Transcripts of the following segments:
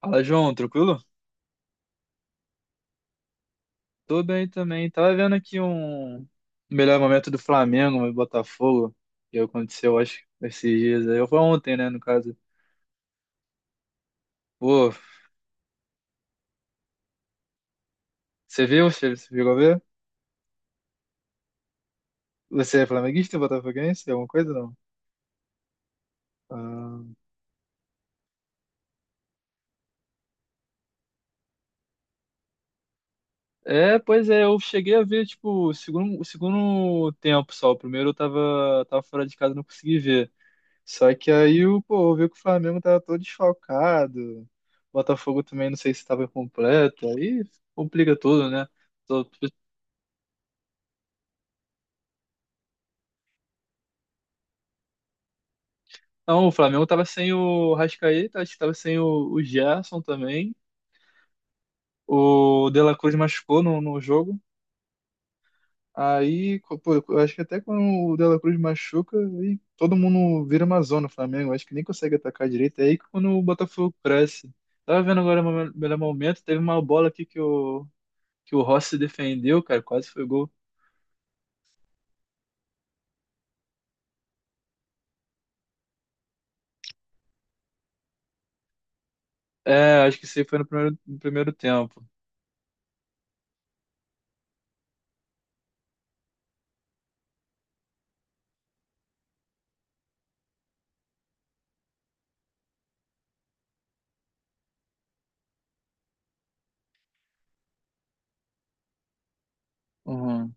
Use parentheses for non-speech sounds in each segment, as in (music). Fala, João, tranquilo? Tô bem também. Tava vendo aqui um melhor momento do Flamengo e Botafogo, que aconteceu, acho, esses dias aí. Foi ontem, né, no caso. Pô, você viu? Você chegou a ver? Você é flamenguista, botafoguense, alguma coisa, não? Ah, é, pois é, eu cheguei a ver, tipo, o segundo tempo só. O primeiro eu tava fora de casa, não consegui ver. Só que aí o pô, viu que o Flamengo tava todo desfalcado. O Botafogo também não sei se estava completo. Aí complica tudo, né? Tô- Não, o Flamengo tava sem o Rascaeta, acho que tava sem o Gerson também. O De La Cruz machucou no jogo. Aí, pô, eu acho que até quando o De La Cruz machuca, aí todo mundo vira uma zona, o Flamengo. Acho que nem consegue atacar direito. É aí que quando o Botafogo cresce. Tava vendo agora o melhor momento, teve uma bola aqui que o Rossi defendeu, cara, quase foi gol. É, acho que isso aí foi no primeiro, no primeiro tempo. Uhum.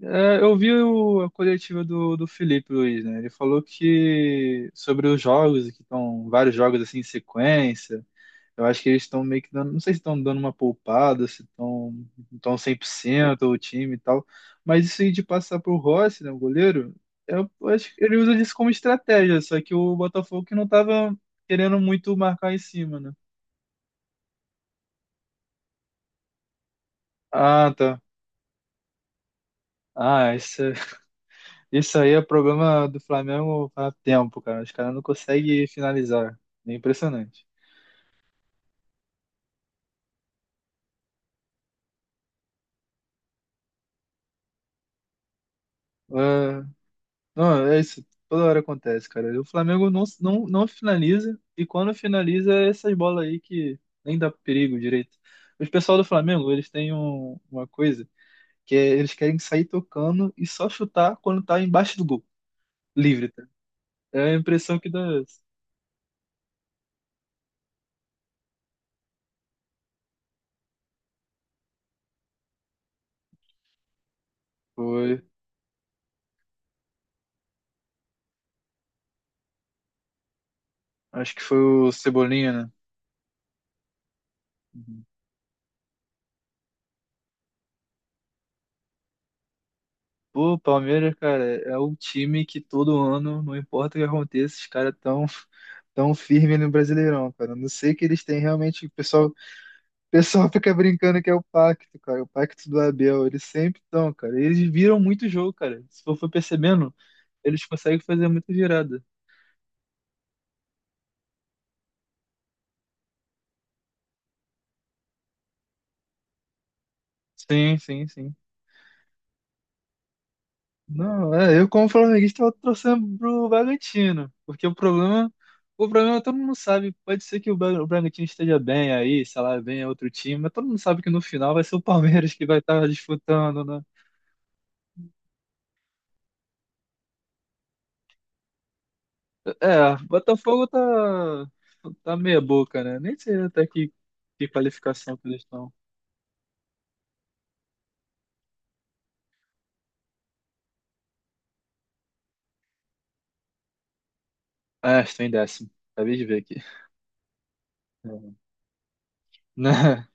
É, eu vi a coletiva do Felipe Luiz, né? Ele falou que sobre os jogos, que estão vários jogos assim em sequência. Eu acho que eles estão meio que dando, não sei se estão dando uma poupada, se estão 100% o time e tal, mas isso aí de passar pro Rossi, né, o goleiro, eu acho que ele usa isso como estratégia, só que o Botafogo que não tava querendo muito marcar em cima, né? Ah, tá. Ah, isso aí é problema do Flamengo há tempo, cara. Os caras não conseguem finalizar. É impressionante. Ah, não, é isso. Toda hora acontece, cara. O Flamengo não finaliza, e quando finaliza, é essas bolas aí que nem dá perigo direito. Os pessoal do Flamengo, eles têm uma coisa, que é eles querem sair tocando e só chutar quando tá embaixo do gol. Livre, tá? É a impressão que dá. Essa. Foi. Acho que foi o Cebolinha, né? Uhum. Pô, o Palmeiras, cara, é o time que todo ano, não importa o que aconteça, os caras tão, (laughs) tão firme no Brasileirão, cara. Eu não sei que eles têm realmente. O pessoal (laughs) fica brincando que é o pacto, cara. O pacto do Abel. Eles sempre estão, cara. Eles viram muito jogo, cara. Se for percebendo, eles conseguem fazer muita virada. Sim, sim, sim. Não, é, eu como flamenguista eu torcendo pro Bragantino, porque o problema todo mundo sabe, pode ser que o o Bragantino esteja bem aí, sei lá, bem é outro time, mas todo mundo sabe que no final vai ser o (laughs) Palmeiras que vai estar disputando, né? É, Botafogo tá, tá meia boca, né? Nem sei até que qualificação que eles estão. Ah, estou em décimo, acabei de ver aqui. (laughs) É. Né?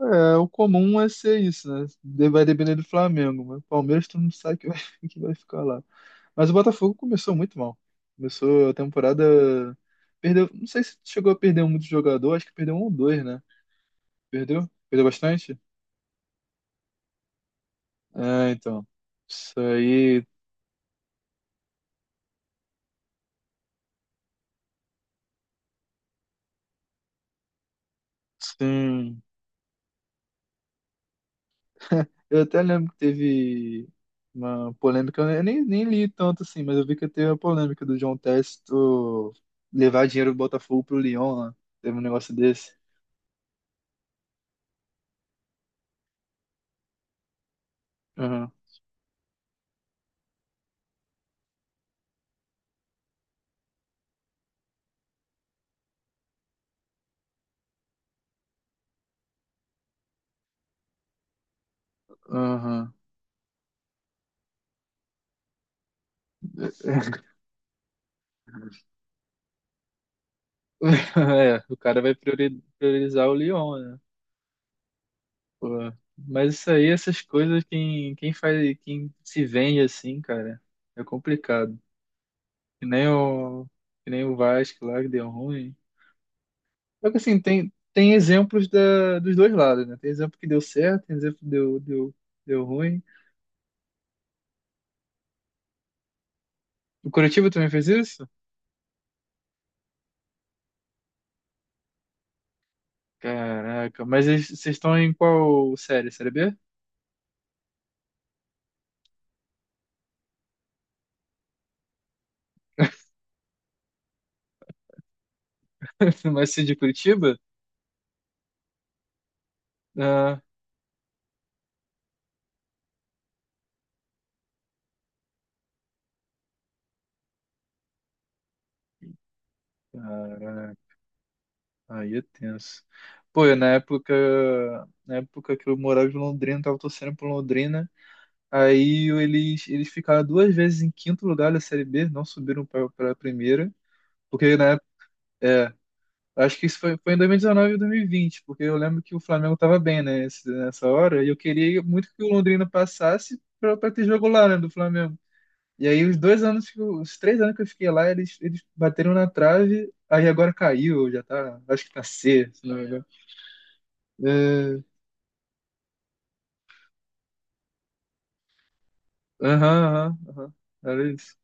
É, o comum é ser isso, né? Vai depender do Flamengo, mas o Palmeiras todo mundo sabe que vai, (laughs) que vai ficar lá. Mas o Botafogo começou muito mal. Começou a temporada. Perdeu. Não sei se chegou a perder muito jogador, acho que perdeu um ou dois, né? Perdeu? Perdeu bastante? É, então. Isso aí, sim. Eu até lembro que teve uma polêmica, eu nem li tanto assim, mas eu vi que teve a polêmica do João Testo levar dinheiro do Botafogo pro Lyon lá. Teve um negócio desse. Aham, aham. (laughs) É, o cara vai priorizar o Lyon, né? Pô, mas isso aí, essas coisas, quem faz, quem se vende assim, cara, é complicado. Que nem o, que nem o Vasco lá que deu ruim. Só que assim, tem exemplos da, dos dois lados, né? Tem exemplo que deu certo, tem exemplo que deu ruim. O Curitiba também fez isso? Caraca, mas vocês estão em qual série? Série B? (laughs) Mas se de Curitiba? Ah, aí é tenso. Pô, eu, na época que eu morava em Londrina, tava torcendo pro Londrina. Eles, eles ficaram duas vezes em quinto lugar da Série B, não subiram pra, pra primeira. Porque na época, é, acho que isso foi, foi em dois mil e e 2020, porque eu lembro que o Flamengo tava bem, né, nessa hora. E eu queria muito que o Londrina passasse pra, pra ter jogo lá, né, do Flamengo. E aí os dois anos, que os três anos que eu fiquei lá, eles bateram na trave. Aí agora caiu, já tá, acho que tá C, se não E- Aham, aham, aham. Era isso.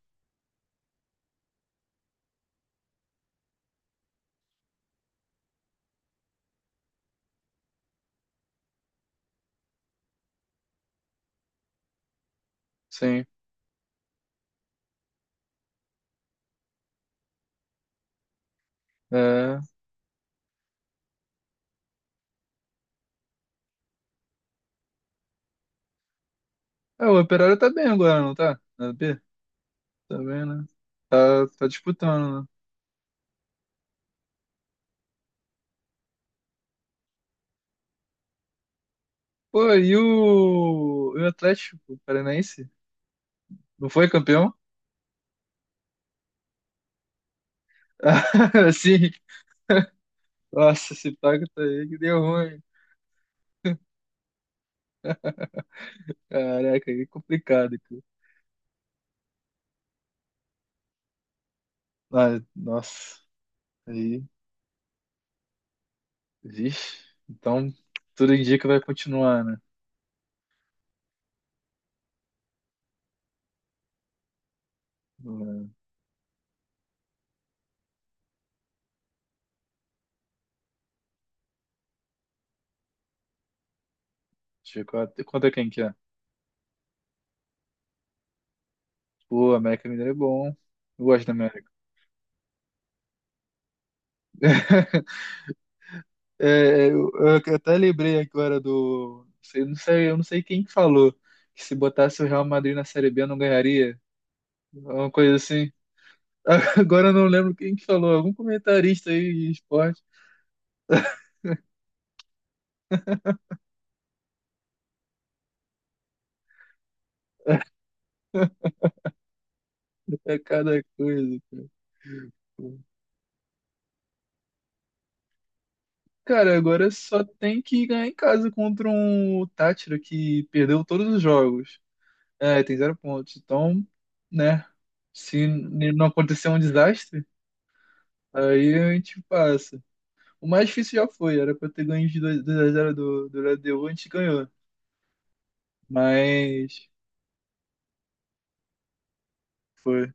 Sim. É. É, o Operário tá bem agora, não tá? Na B? Tá bem, né? Tá, tá disputando, né? Pô, e o Atlético Paranaense? Não foi campeão? (laughs) Sim. Nossa, esse pago tá aí que deu ruim. Caraca, aí é complicado, cara. Ah, nossa, aí, vixe. Então, tudo indica que vai continuar, né? Deixa eu ver quanto é G quatro. Conta quem que é? Pô, América Mineiro é bom. Eu gosto da América. (laughs) É, eu até lembrei agora do. Não sei, eu não sei quem que falou que se botasse o Real Madrid na Série B não ganharia. Uma coisa assim. (laughs) Agora eu não lembro quem que falou. Algum comentarista aí de esporte. (laughs) É cada coisa, cara. Cara, agora só tem que ganhar em casa contra um Tátira que perdeu todos os jogos. É, tem zero pontos. Então, né? Se não acontecer um desastre, aí a gente passa. O mais difícil já foi, era pra ter ganho de dois x 0 do, do LDU, a gente ganhou. Mas foi.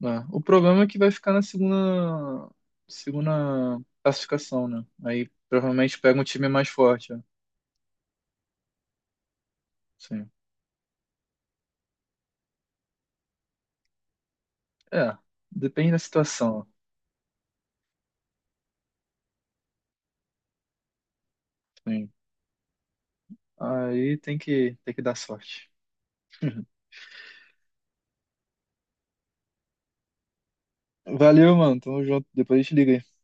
Né. O problema é que vai ficar na segunda, segunda classificação, né? Aí provavelmente pega um time mais forte. Né? Sim. É, depende da situação. Sim. Aí tem que dar sorte. (laughs) Valeu, mano. Tamo junto. Depois a gente liga aí.